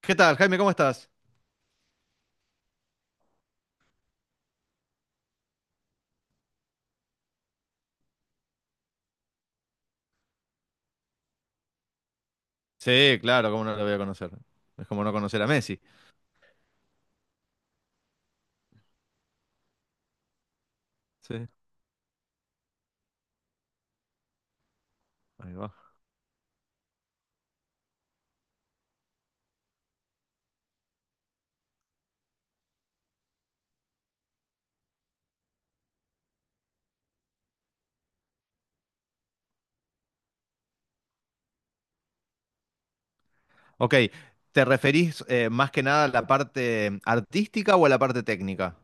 ¿Qué tal, Jaime? ¿Cómo estás? Sí, claro, ¿cómo no lo voy a conocer? Es como no conocer a Messi. Sí, ahí va. Ok, ¿te referís más que nada a la parte artística o a la parte técnica?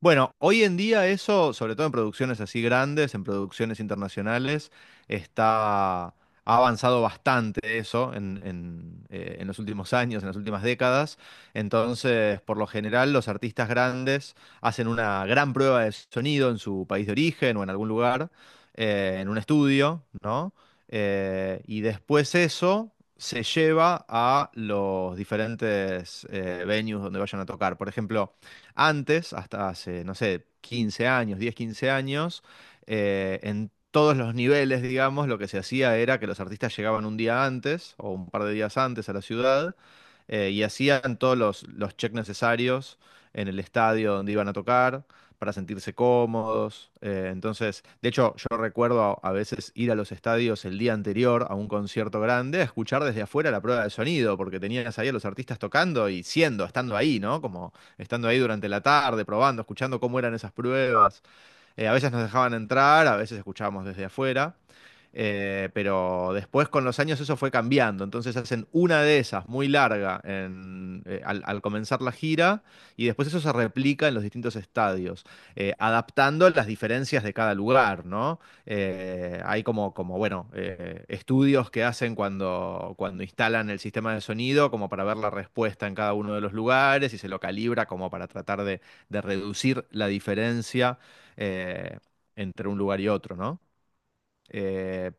Bueno, hoy en día eso, sobre todo en producciones así grandes, en producciones internacionales, está, ha avanzado bastante eso en los últimos años, en las últimas décadas. Entonces, por lo general, los artistas grandes hacen una gran prueba de sonido en su país de origen o en algún lugar, en un estudio, ¿no? Y después eso se lleva a los diferentes venues donde vayan a tocar. Por ejemplo, antes, hasta hace, no sé, 15 años, 10, 15 años, en todos los niveles, digamos, lo que se hacía era que los artistas llegaban un día antes o un par de días antes a la ciudad y hacían todos los checks necesarios en el estadio donde iban a tocar para sentirse cómodos. Entonces, de hecho, yo recuerdo a veces ir a los estadios el día anterior a un concierto grande a escuchar desde afuera la prueba de sonido, porque tenías ahí a los artistas tocando y siendo, estando ahí, ¿no? Como estando ahí durante la tarde, probando, escuchando cómo eran esas pruebas. A veces nos dejaban entrar, a veces escuchábamos desde afuera. Pero después con los años eso fue cambiando. Entonces hacen una de esas muy larga al, al comenzar la gira y después eso se replica en los distintos estadios, adaptando las diferencias de cada lugar, ¿no? Hay como, como bueno, estudios que hacen cuando, cuando instalan el sistema de sonido como para ver la respuesta en cada uno de los lugares y se lo calibra como para tratar de reducir la diferencia eh, entre un lugar y otro, ¿no? Eh,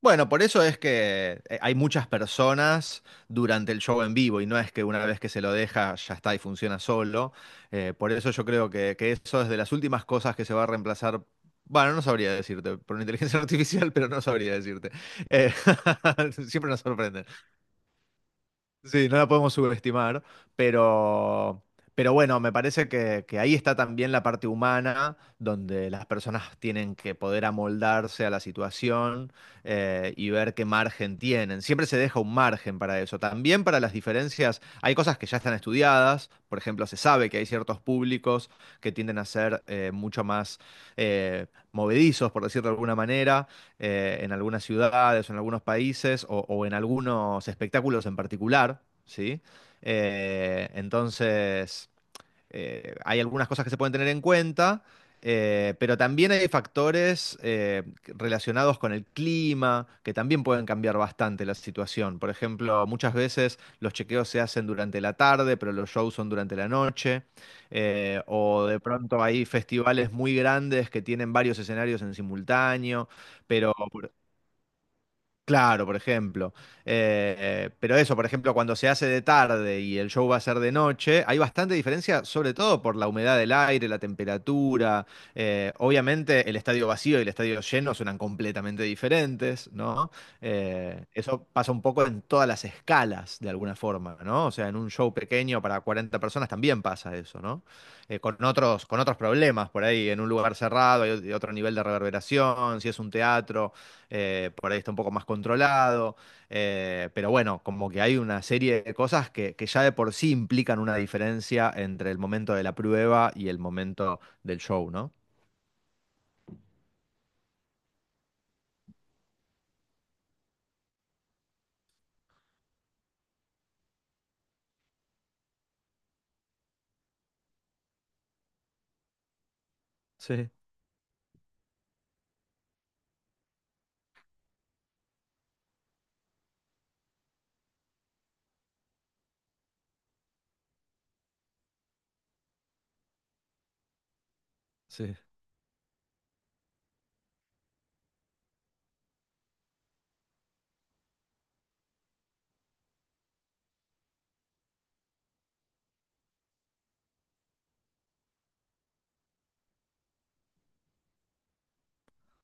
bueno, por eso es que hay muchas personas durante el show en vivo y no es que una vez que se lo deja ya está y funciona solo. Por eso yo creo que eso es de las últimas cosas que se va a reemplazar. Bueno, no sabría decirte, por una inteligencia artificial, pero no sabría decirte. Eh, siempre nos sorprenden. Sí, no la podemos subestimar, pero, pero bueno, me parece que ahí está también la parte humana, donde las personas tienen que poder amoldarse a la situación y ver qué margen tienen. Siempre se deja un margen para eso. También para las diferencias, hay cosas que ya están estudiadas, por ejemplo, se sabe que hay ciertos públicos que tienden a ser mucho más movedizos, por decirlo de alguna manera en algunas ciudades o en algunos países o en algunos espectáculos en particular, ¿sí? Entonces hay algunas cosas que se pueden tener en cuenta, pero también hay factores relacionados con el clima que también pueden cambiar bastante la situación. Por ejemplo, muchas veces los chequeos se hacen durante la tarde, pero los shows son durante la noche. O de pronto hay festivales muy grandes que tienen varios escenarios en simultáneo, pero Claro, por ejemplo. Pero eso, por ejemplo, cuando se hace de tarde y el show va a ser de noche, hay bastante diferencia, sobre todo por la humedad del aire, la temperatura. Obviamente el estadio vacío y el estadio lleno suenan completamente diferentes, ¿no? Eso pasa un poco en todas las escalas, de alguna forma, ¿no? O sea, en un show pequeño para 40 personas también pasa eso, ¿no? Con otros, con otros problemas por ahí, en un lugar cerrado hay otro nivel de reverberación, si es un teatro por ahí está un poco más controlado, pero bueno, como que hay una serie de cosas que ya de por sí implican una diferencia entre el momento de la prueba y el momento del show, ¿no? Sí, sí.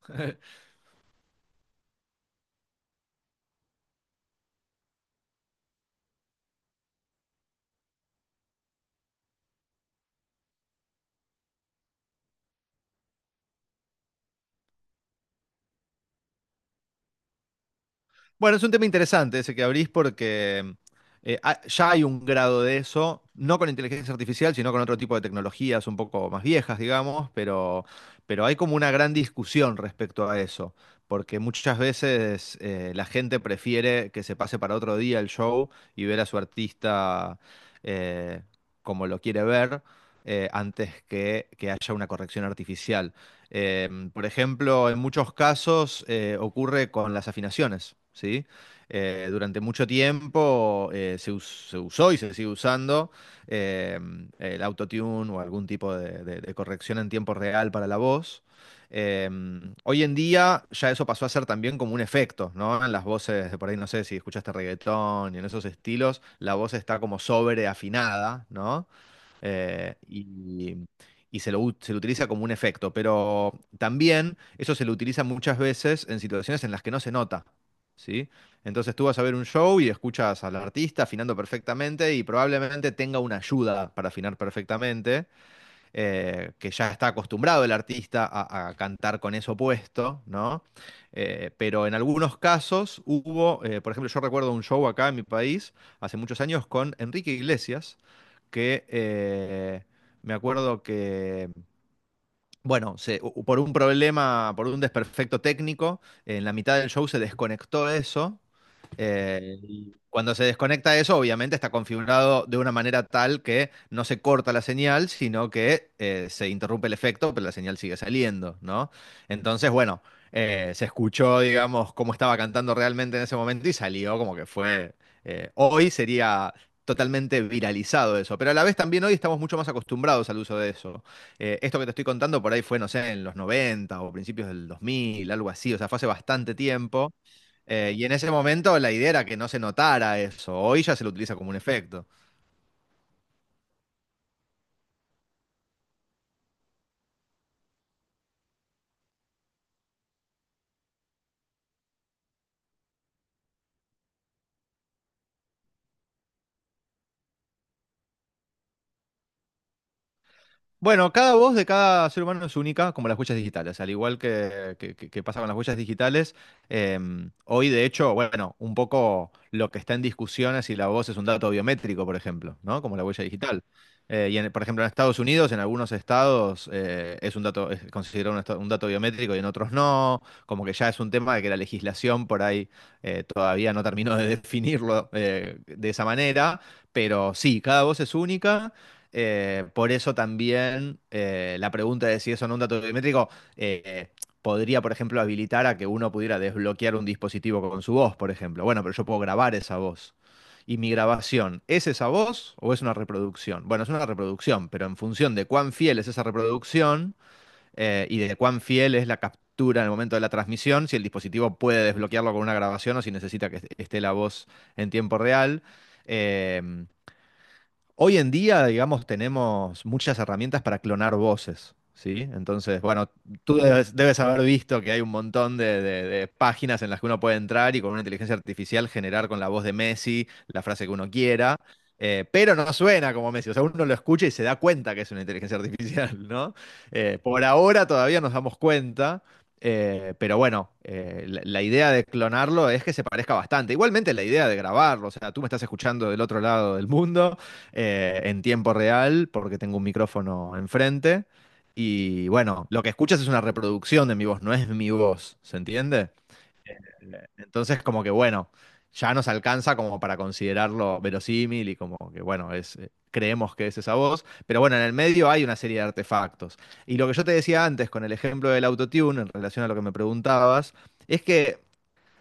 Bueno, es un tema interesante ese que abrís porque ya hay un grado de eso, no con inteligencia artificial, sino con otro tipo de tecnologías un poco más viejas, digamos, pero hay como una gran discusión respecto a eso, porque muchas veces la gente prefiere que se pase para otro día el show y ver a su artista eh, como lo quiere ver antes que haya una corrección artificial. Por ejemplo, en muchos casos ocurre con las afinaciones, ¿sí? Durante mucho tiempo se, se usó y se sigue usando eh, el autotune o algún tipo de, de corrección en tiempo real para la voz. Eh, Hoy en día ya eso pasó a ser también como un efecto, ¿no? En las voces, de por ahí no sé si escuchaste reggaetón y en esos estilos, la voz está como sobreafinada, ¿no? Y, y se lo, se lo utiliza como un efecto, pero también eso se lo utiliza muchas veces en situaciones en las que no se nota, ¿sí? Entonces tú vas a ver un show y escuchas al artista afinando perfectamente y probablemente tenga una ayuda para afinar perfectamente, que ya está acostumbrado el artista a cantar con eso puesto, ¿no? Pero en algunos casos hubo, por ejemplo, yo recuerdo un show acá en mi país hace muchos años con Enrique Iglesias, que me acuerdo que, bueno, por un problema, por un desperfecto técnico, en la mitad del show se desconectó eso y cuando se desconecta eso, obviamente está configurado de una manera tal que no se corta la señal, sino que se interrumpe el efecto, pero la señal sigue saliendo, ¿no? Entonces, bueno, se escuchó, digamos, cómo estaba cantando realmente en ese momento y salió como que fue... hoy sería totalmente viralizado eso, pero a la vez también hoy estamos mucho más acostumbrados al uso de eso. Esto que te estoy contando por ahí fue, no sé, en los 90 o principios del 2000, algo así, o sea, fue hace bastante tiempo. Y en ese momento la idea era que no se notara eso. Hoy ya se lo utiliza como un efecto. Bueno, cada voz de cada ser humano es única, como las huellas digitales. Al igual que pasa con las huellas digitales, eh, hoy de hecho, bueno, un poco lo que está en discusión es si la voz es un dato biométrico, por ejemplo, ¿no? Como la huella digital. Por ejemplo, en Estados Unidos, en algunos estados, es un dato, es considerado un dato biométrico y en otros no. Como que ya es un tema de que la legislación por ahí todavía no terminó de definirlo de esa manera. Pero sí, cada voz es única. Por eso también la pregunta de si eso no un dato biométrico eh, podría, por ejemplo, habilitar a que uno pudiera desbloquear un dispositivo con su voz, por ejemplo. Bueno, pero yo puedo grabar esa voz. ¿Y mi grabación es esa voz o es una reproducción? Bueno, es una reproducción, pero en función de cuán fiel es esa reproducción y de cuán fiel es la captura en el momento de la transmisión, si el dispositivo puede desbloquearlo con una grabación o si necesita que esté la voz en tiempo real. Eh, Hoy en día, digamos, tenemos muchas herramientas para clonar voces, ¿sí? Entonces, bueno, tú debes, debes haber visto que hay un montón de, de páginas en las que uno puede entrar y con una inteligencia artificial generar con la voz de Messi la frase que uno quiera, pero no suena como Messi, o sea, uno lo escucha y se da cuenta que es una inteligencia artificial, ¿no? Por ahora todavía nos damos cuenta. Pero bueno, la idea de clonarlo es que se parezca bastante. Igualmente la idea de grabarlo, o sea, tú me estás escuchando del otro lado del mundo, en tiempo real porque tengo un micrófono enfrente. Y bueno, lo que escuchas es una reproducción de mi voz, no es mi voz, ¿se entiende? Entonces, como que bueno, ya nos alcanza como para considerarlo verosímil y como que bueno, es, creemos que es esa voz. Pero bueno, en el medio hay una serie de artefactos. Y lo que yo te decía antes con el ejemplo del autotune, en relación a lo que me preguntabas, es que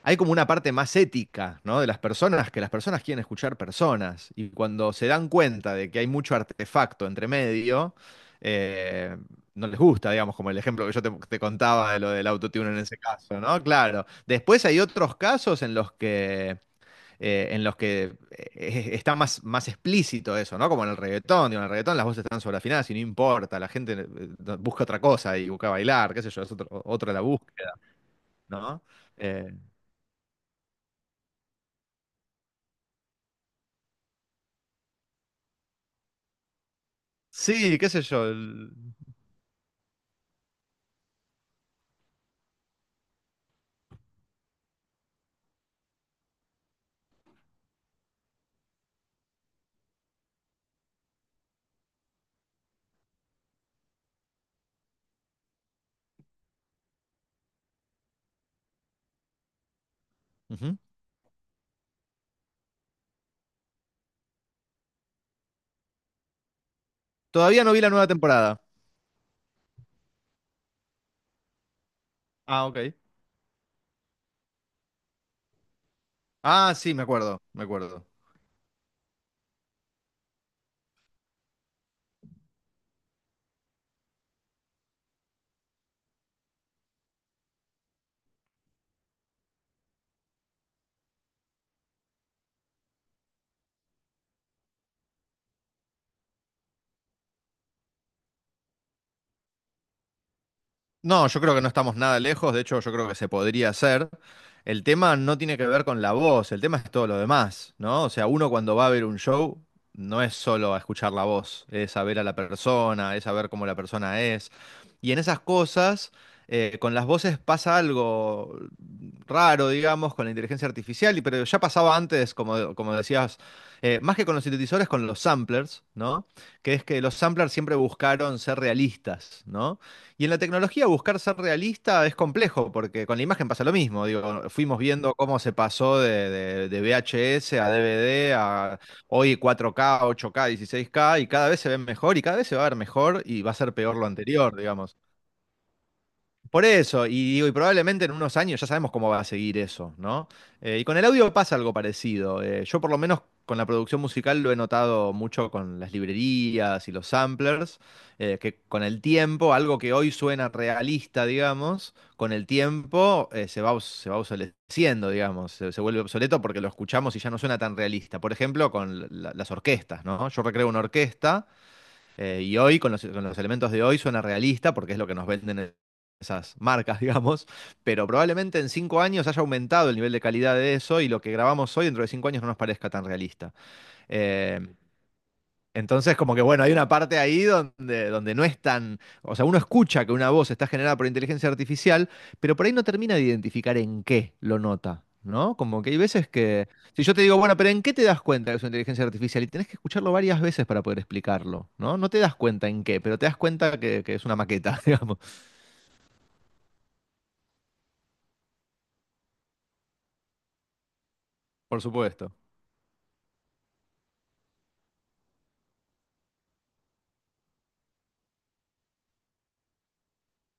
hay como una parte más ética, ¿no? De las personas, que las personas quieren escuchar personas. Y cuando se dan cuenta de que hay mucho artefacto entre medio, eh, no les gusta, digamos, como el ejemplo que yo te, te contaba de lo del autotune en ese caso, ¿no? Claro. Después hay otros casos en los que. En los que está más, más explícito eso, ¿no? Como en el reggaetón, digo, en el reggaetón las voces están sobreafinadas y no importa, la gente busca otra cosa y busca bailar, qué sé yo, es otra la búsqueda, ¿no? Eh, Sí, qué sé yo. Ujú. Todavía no vi la nueva temporada. Ah, ok. Ah, sí, me acuerdo, me acuerdo. No, yo creo que no estamos nada lejos, de hecho yo creo que se podría hacer. El tema no tiene que ver con la voz, el tema es todo lo demás, ¿no? O sea, uno cuando va a ver un show no es solo a escuchar la voz, es a ver a la persona, es a ver cómo la persona es. Y en esas cosas, con las voces pasa algo raro, digamos, con la inteligencia artificial, pero ya pasaba antes, como, como decías, más que con los sintetizadores, con los samplers, ¿no? Que es que los samplers siempre buscaron ser realistas, ¿no? Y en la tecnología buscar ser realista es complejo, porque con la imagen pasa lo mismo. Digo, fuimos viendo cómo se pasó de, de VHS a DVD a hoy 4K, 8K, 16K, y cada vez se ven mejor y cada vez se va a ver mejor y va a ser peor lo anterior, digamos. Por eso, y digo, y probablemente en unos años ya sabemos cómo va a seguir eso, ¿no? Y con el audio pasa algo parecido. Yo por lo menos con la producción musical lo he notado mucho con las librerías y los samplers, que con el tiempo, algo que hoy suena realista, digamos, con el tiempo se va, se va obsoleciendo, digamos, se vuelve obsoleto porque lo escuchamos y ya no suena tan realista. Por ejemplo, con las orquestas, ¿no? Yo recreo una orquesta y hoy, con los elementos de hoy, suena realista porque es lo que nos venden esas marcas, digamos, pero probablemente en 5 años haya aumentado el nivel de calidad de eso y lo que grabamos hoy dentro de 5 años no nos parezca tan realista. Eh, entonces, como que bueno, hay una parte ahí donde, donde no es tan. O sea, uno escucha que una voz está generada por inteligencia artificial, pero por ahí no termina de identificar en qué lo nota, ¿no? Como que hay veces que. Si yo te digo, bueno, pero ¿en qué te das cuenta que es una inteligencia artificial? Y tenés que escucharlo varias veces para poder explicarlo, ¿no? No te das cuenta en qué, pero te das cuenta que es una maqueta, digamos. Por supuesto.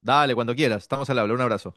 Dale, cuando quieras. Estamos al habla. Un abrazo.